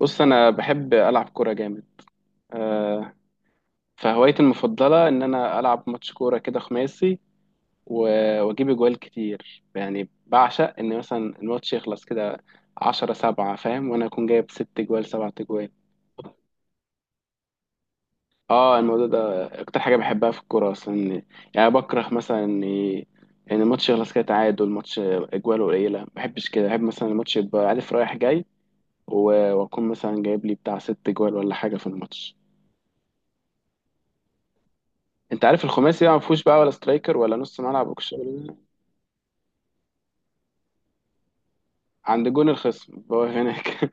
بص انا بحب العب كوره جامد. آه، فهوايتي المفضله ان انا العب ماتش كوره كده خماسي. و- واجيب اجوال كتير، يعني بعشق ان مثلا الماتش يخلص كده 10-7، فاهم، وانا اكون جايب 6 اجوال 7 اجوال. اه، الموضوع ده اكتر حاجه بحبها في الكوره اصلا. يعني بكره مثلا ان الماتش يخلص كده تعادل، ماتش اجوال قليله ما بحبش كده، بحب مثلا الماتش يبقى عارف رايح جاي. و- واكون مثلا جايب لي بتاع 6 اجوال ولا حاجه في الماتش. انت عارف الخماسي بقى ما فيهوش بقى ولا سترايكر ولا نص ملعب والشغل ده. عند جون الخصم هو هناك.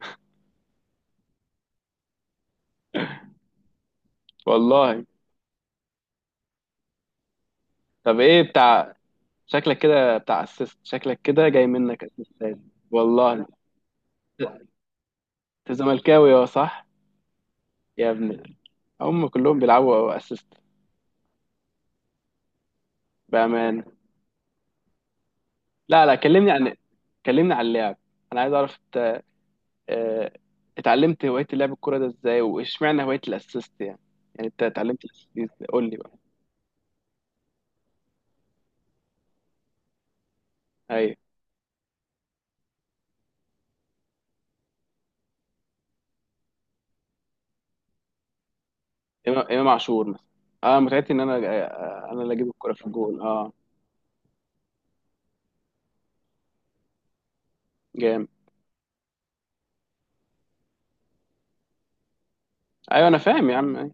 والله. طب ايه بتاع، شكلك كده بتاع اسيست، شكلك كده جاي منك اسيستات. والله. انت زملكاوي، اه صح. يا ابني، هم كلهم بيلعبوا اسيست. بامان. لا لا، كلمني عن، كلمني عن اللعب. انا عايز اعرف انت، اه، اتعلمت هوايه لعب الكوره ده ازاي، واشمعنى هوايه الاسيست يعني. يعني انت اتعلمت الاسيست قول لي بقى. أيوه. امام إمام عاشور مثلا. اه، متعتي ان انا انا اللي اجيب الكرة في الجول، اه. جام. ايوه انا فاهم يا عم. أيوة.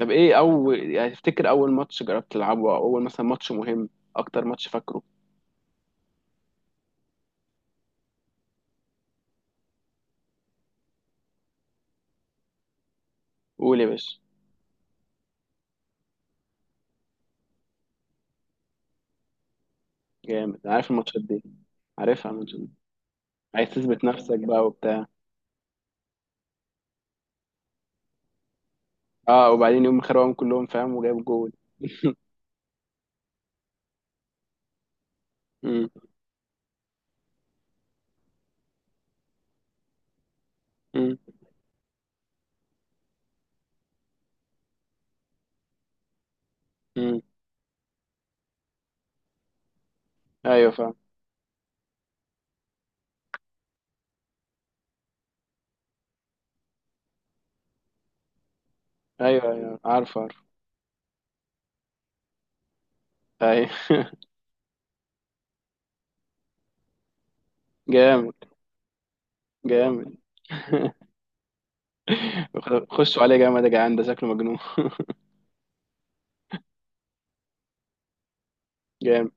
طب ايه اول، يعني تفتكر اول ماتش جربت تلعبه، او اول مثلا ماتش مهم، اكتر ماتش فاكره. قول يا باشا. جامد، أنا عارف الماتشات دي، عارفها الماتشات دي. عايز تثبت نفسك بقى وبتاع. اه، وبعدين يوم خربهم كلهم فاهم وجايب جول. مم. مم. مم. ايوه فاهم. ايوه ايوه، عارف عارف. ايوه. جامد. جامد. خشوا عليه جامد يا جدعان، ده شكله مجنون. جامد.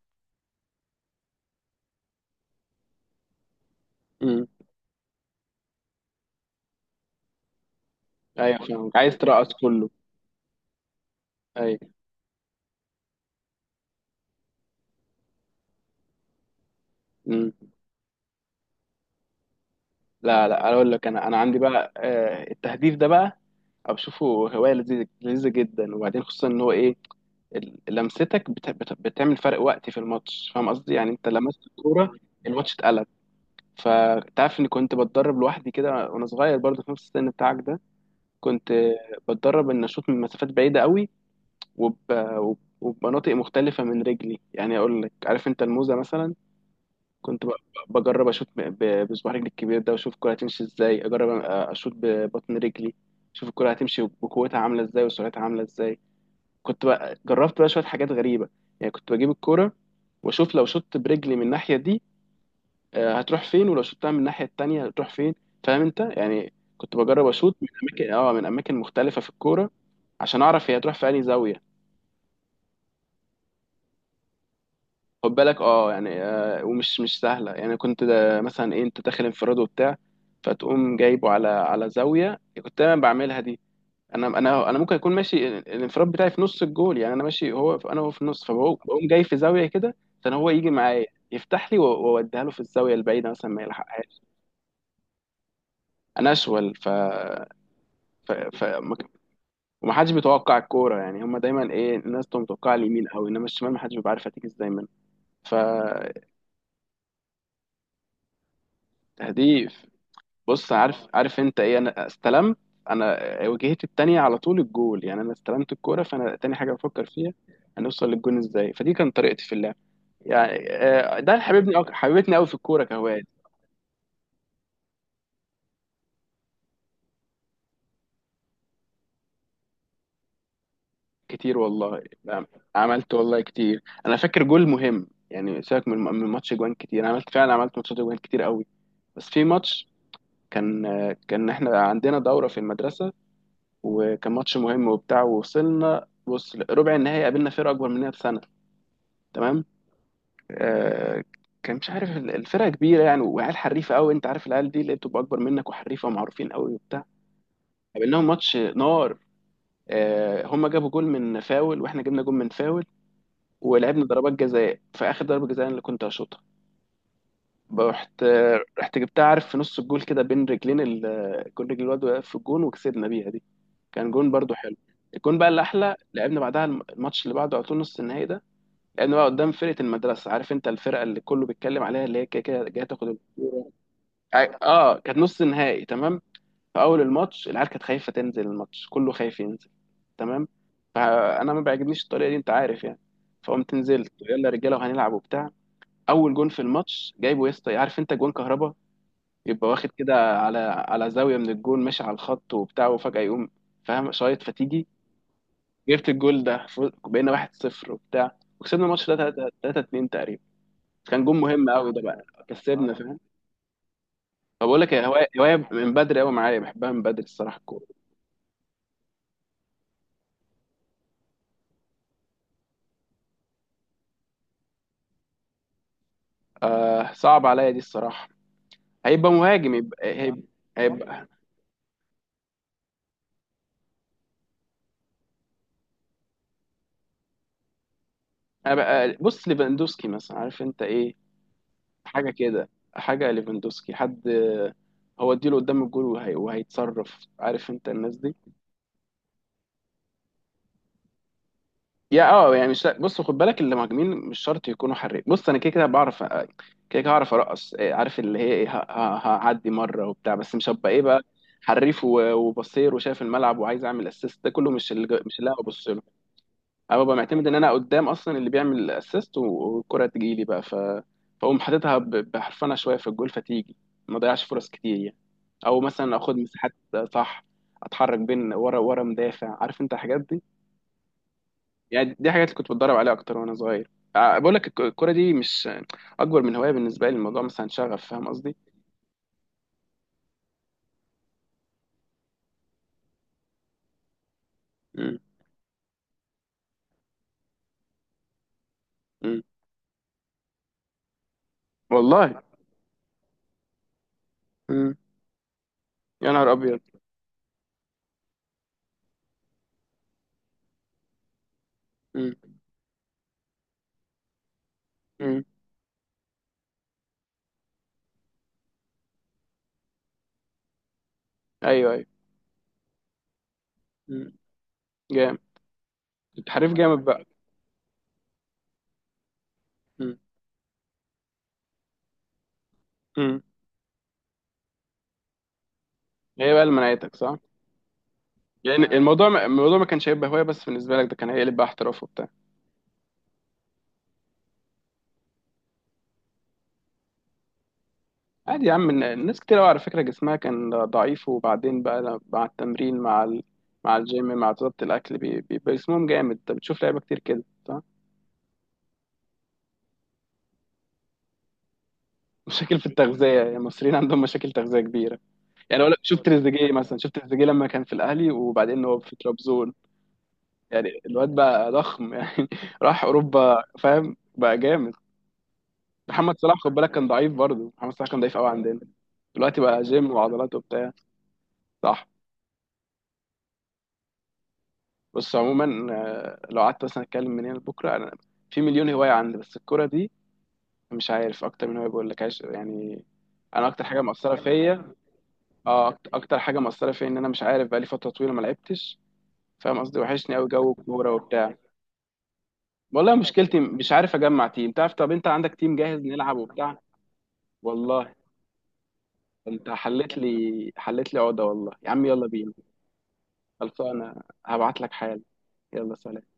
امم. ايوه فاهمك، عايز ترقص كله. ايوه. امم. لا لا، اقول لك، انا انا عندي بقى، التهديف ده بقى أنا بشوفه هوايه لذيذه، لذيذه جدا. وبعدين خصوصا ان هو ايه، لمستك بت بت بتعمل فرق وقت في الماتش، فاهم قصدي؟ يعني انت لمست الكوره الماتش اتقلب. فانت عارف اني كنت بتدرب لوحدي كده وانا صغير برضه، في نفس السن بتاعك ده كنت بتدرب ان اشوط من مسافات بعيده قوي. وب... وب- وبمناطق مختلفه من رجلي. يعني اقول لك، عارف انت الموزه مثلا؟ كنت ب- بجرب اشوط بصباح رجلي الكبير ده واشوف الكرة هتمشي ازاي، اجرب اشوط ببطن رجلي اشوف الكرة هتمشي بقوتها عاملة ازاي وسرعتها عاملة ازاي. كنت بقى جربت بقى شوية حاجات غريبة. يعني كنت بجيب الكرة واشوف لو شطت برجلي من الناحية دي هتروح فين، ولو شطتها من الناحية التانية هتروح فين، فاهم انت يعني. كنت بجرب اشوط من اماكن، اه، من اماكن مختلفة في الكورة عشان اعرف هي هتروح في انهي زاوية. خد بالك اه، يعني آه، ومش مش سهله. يعني كنت ده مثلا ايه، انت داخل انفراد وبتاع، فتقوم جايبه على زاويه، كنت انا بعملها دي. انا ممكن اكون ماشي الانفراد بتاعي في نص الجول، يعني انا ماشي هو، انا هو في النص، فبقوم جاي في زاويه كده عشان هو يجي معايا يفتح لي و- واوديها له في الزاويه البعيده مثلا ما يلحقهاش. انا اشول، ف ما ك- ومحدش بيتوقع الكوره، يعني هم دايما ايه، الناس تبقى متوقعه اليمين قوي، انما الشمال محدش بيبقى عارف هتيجي ازاي منه. ف- دي بص، عارف عارف انت ايه، انا استلمت، انا واجهتي التانية على طول الجول، يعني انا استلمت الكورة فانا تاني حاجة بفكر فيها هنوصل للجون ازاي. فدي كانت طريقتي في اللعب. يعني ده اللي حبيبني أو حبيبتني قوي في الكورة كهواية. كتير والله، نعم. عملت والله كتير، انا فاكر جول مهم، يعني سيبك من ماتش جوان كتير، انا عملت فعلا، عملت ماتشات جوان كتير قوي. بس في ماتش كان كان احنا عندنا دورة في المدرسة، وكان ماتش مهم وبتاع، ووصلنا بص ربع النهائي قابلنا فرقة أكبر مننا بسنة. تمام. آه، كان مش عارف، الفرقه كبيره يعني، وعيال حريفه قوي، انت عارف العيال دي اللي بتبقى اكبر منك وحريفه ومعروفين قوي وبتاع. قابلناهم ماتش نار. آه، هم جابوا جول من فاول واحنا جبنا جول من فاول، ولعبنا ضربات جزاء. في اخر ضربه جزاء انا اللي كنت هشوطها. رحت رحت جبتها عارف، في نص الجول كده بين رجلين كل رجل الواد واقف في الجون، وكسبنا بيها دي. كان جون برضو حلو. الجون بقى الاحلى لعبنا بعدها الماتش اللي بعده على طول، نص النهائي ده. لعبنا بقى قدام فرقه المدرسه، عارف انت الفرقه اللي كله بيتكلم عليها، اللي هي كده كده جايه تاخد البطوله. اه كانت نص نهائي، تمام. في اول الماتش العيال كانت خايفه تنزل، الماتش كله خايف ينزل، تمام. فانا ما بيعجبنيش الطريقه دي، انت عارف يعني. فقمت نزلت، يلا يا رجاله وهنلعب وبتاع. اول جون في الماتش جايبه يا اسطى، عارف انت جون كهربا؟ يبقى واخد كده على زاويه من الجون، ماشي على الخط وبتاع، وفجاه يقوم فاهم شايط، فتيجي. جبت الجول ده بقينا 1-0 وبتاع، وكسبنا الماتش ده 3 3-2 تقريبا. كان جون مهم قوي ده بقى كسبنا، فاهم. بقول لك هواية، هواية من بدري قوي معايا بحبها من بدري الصراحة، الكورة. آه صعب عليا دي الصراحة. هيبقى مهاجم، يبقى هيبقى, هيبقى بص ليفاندوسكي مثلا، عارف انت ايه، حاجة كده، حاجة ليفاندوسكي، حد هو اديله قدام الجول وهي وهيتصرف، عارف انت الناس دي. يا اه، يعني مش، بص خد بالك المهاجمين مش شرط يكونوا حريف. بص انا كده كده بعرف كده، كده هعرف ارقص عارف اللي هي ايه، هعدي مره وبتاع، بس مش هبقى ايه بقى حريف و- وبصير وشايف الملعب وعايز اعمل اسيست، ده كله مش اللي أنا ببص له. انا ببقى معتمد ان انا قدام اصلا، اللي بيعمل اسيست والكره تجي لي بقى، ف فاقوم حاططها بحرفنه شويه في الجول، فتيجي. ما ضيعش فرص كتير يعني، او مثلا اخد مساحات، صح، اتحرك بين ورا مدافع، عارف انت الحاجات دي. يعني دي حاجات اللي كنت بتدرب عليها اكتر وانا صغير. آه، بقول لك الكوره دي مش اكبر من هوايه بالنسبه لي، الموضوع مثلا شغف، فاهم قصدي. مم. مم. والله. مم. يا نهار ابيض. مم. مم. ايوه ايوه. مم. جامد. كنت حريف جامد بقى. مم. مم. هي بقى اللي منعتك، صح. يعني الموضوع الموضوع ما كانش هيبقى هوايه بس بالنسبه لك، ده كان هيقلب بقى احتراف وبتاع. عادي يا عم، ناس كتير قوي على فكره جسمها كان ضعيف، وبعدين بقى مع التمرين، مع مع الجيم، مع ضبط الاكل بيبقى جسمهم جامد، انت بتشوف لعيبه كتير كده، صح؟ مشاكل في التغذية، يعني المصريين عندهم مشاكل تغذية كبيرة. يعني أقول لك، شوف تريزيجيه مثلا، شوف تريزيجيه لما كان في الأهلي وبعدين هو في ترابزون، يعني الواد بقى ضخم يعني راح أوروبا، فاهم، بقى جامد. محمد صلاح خد بالك كان ضعيف، برضه محمد صلاح كان ضعيف قوي عندنا، دلوقتي بقى جيم وعضلات وبتاع، صح. بس عموما، آه، لو قعدت مثلا اتكلم من هنا لبكره، انا في مليون هوايه عندي، بس الكوره دي مش عارف، اكتر من هوايه، بقول لك عايش يعني، انا اكتر حاجه مؤثره فيا. اه اكتر حاجه مأثره فيا ان انا مش عارف بقالي فتره طويله ما لعبتش، فاهم قصدي، وحشني قوي جو الكوره وبتاع. والله مشكلتي مش عارف اجمع تيم، تعرف، طب انت عندك تيم جاهز نلعب وبتاع؟ والله انت حليت لي، حليت لي عقده والله يا عم، يلا بينا. خلصانه، هبعت لك حالا. يلا سلام.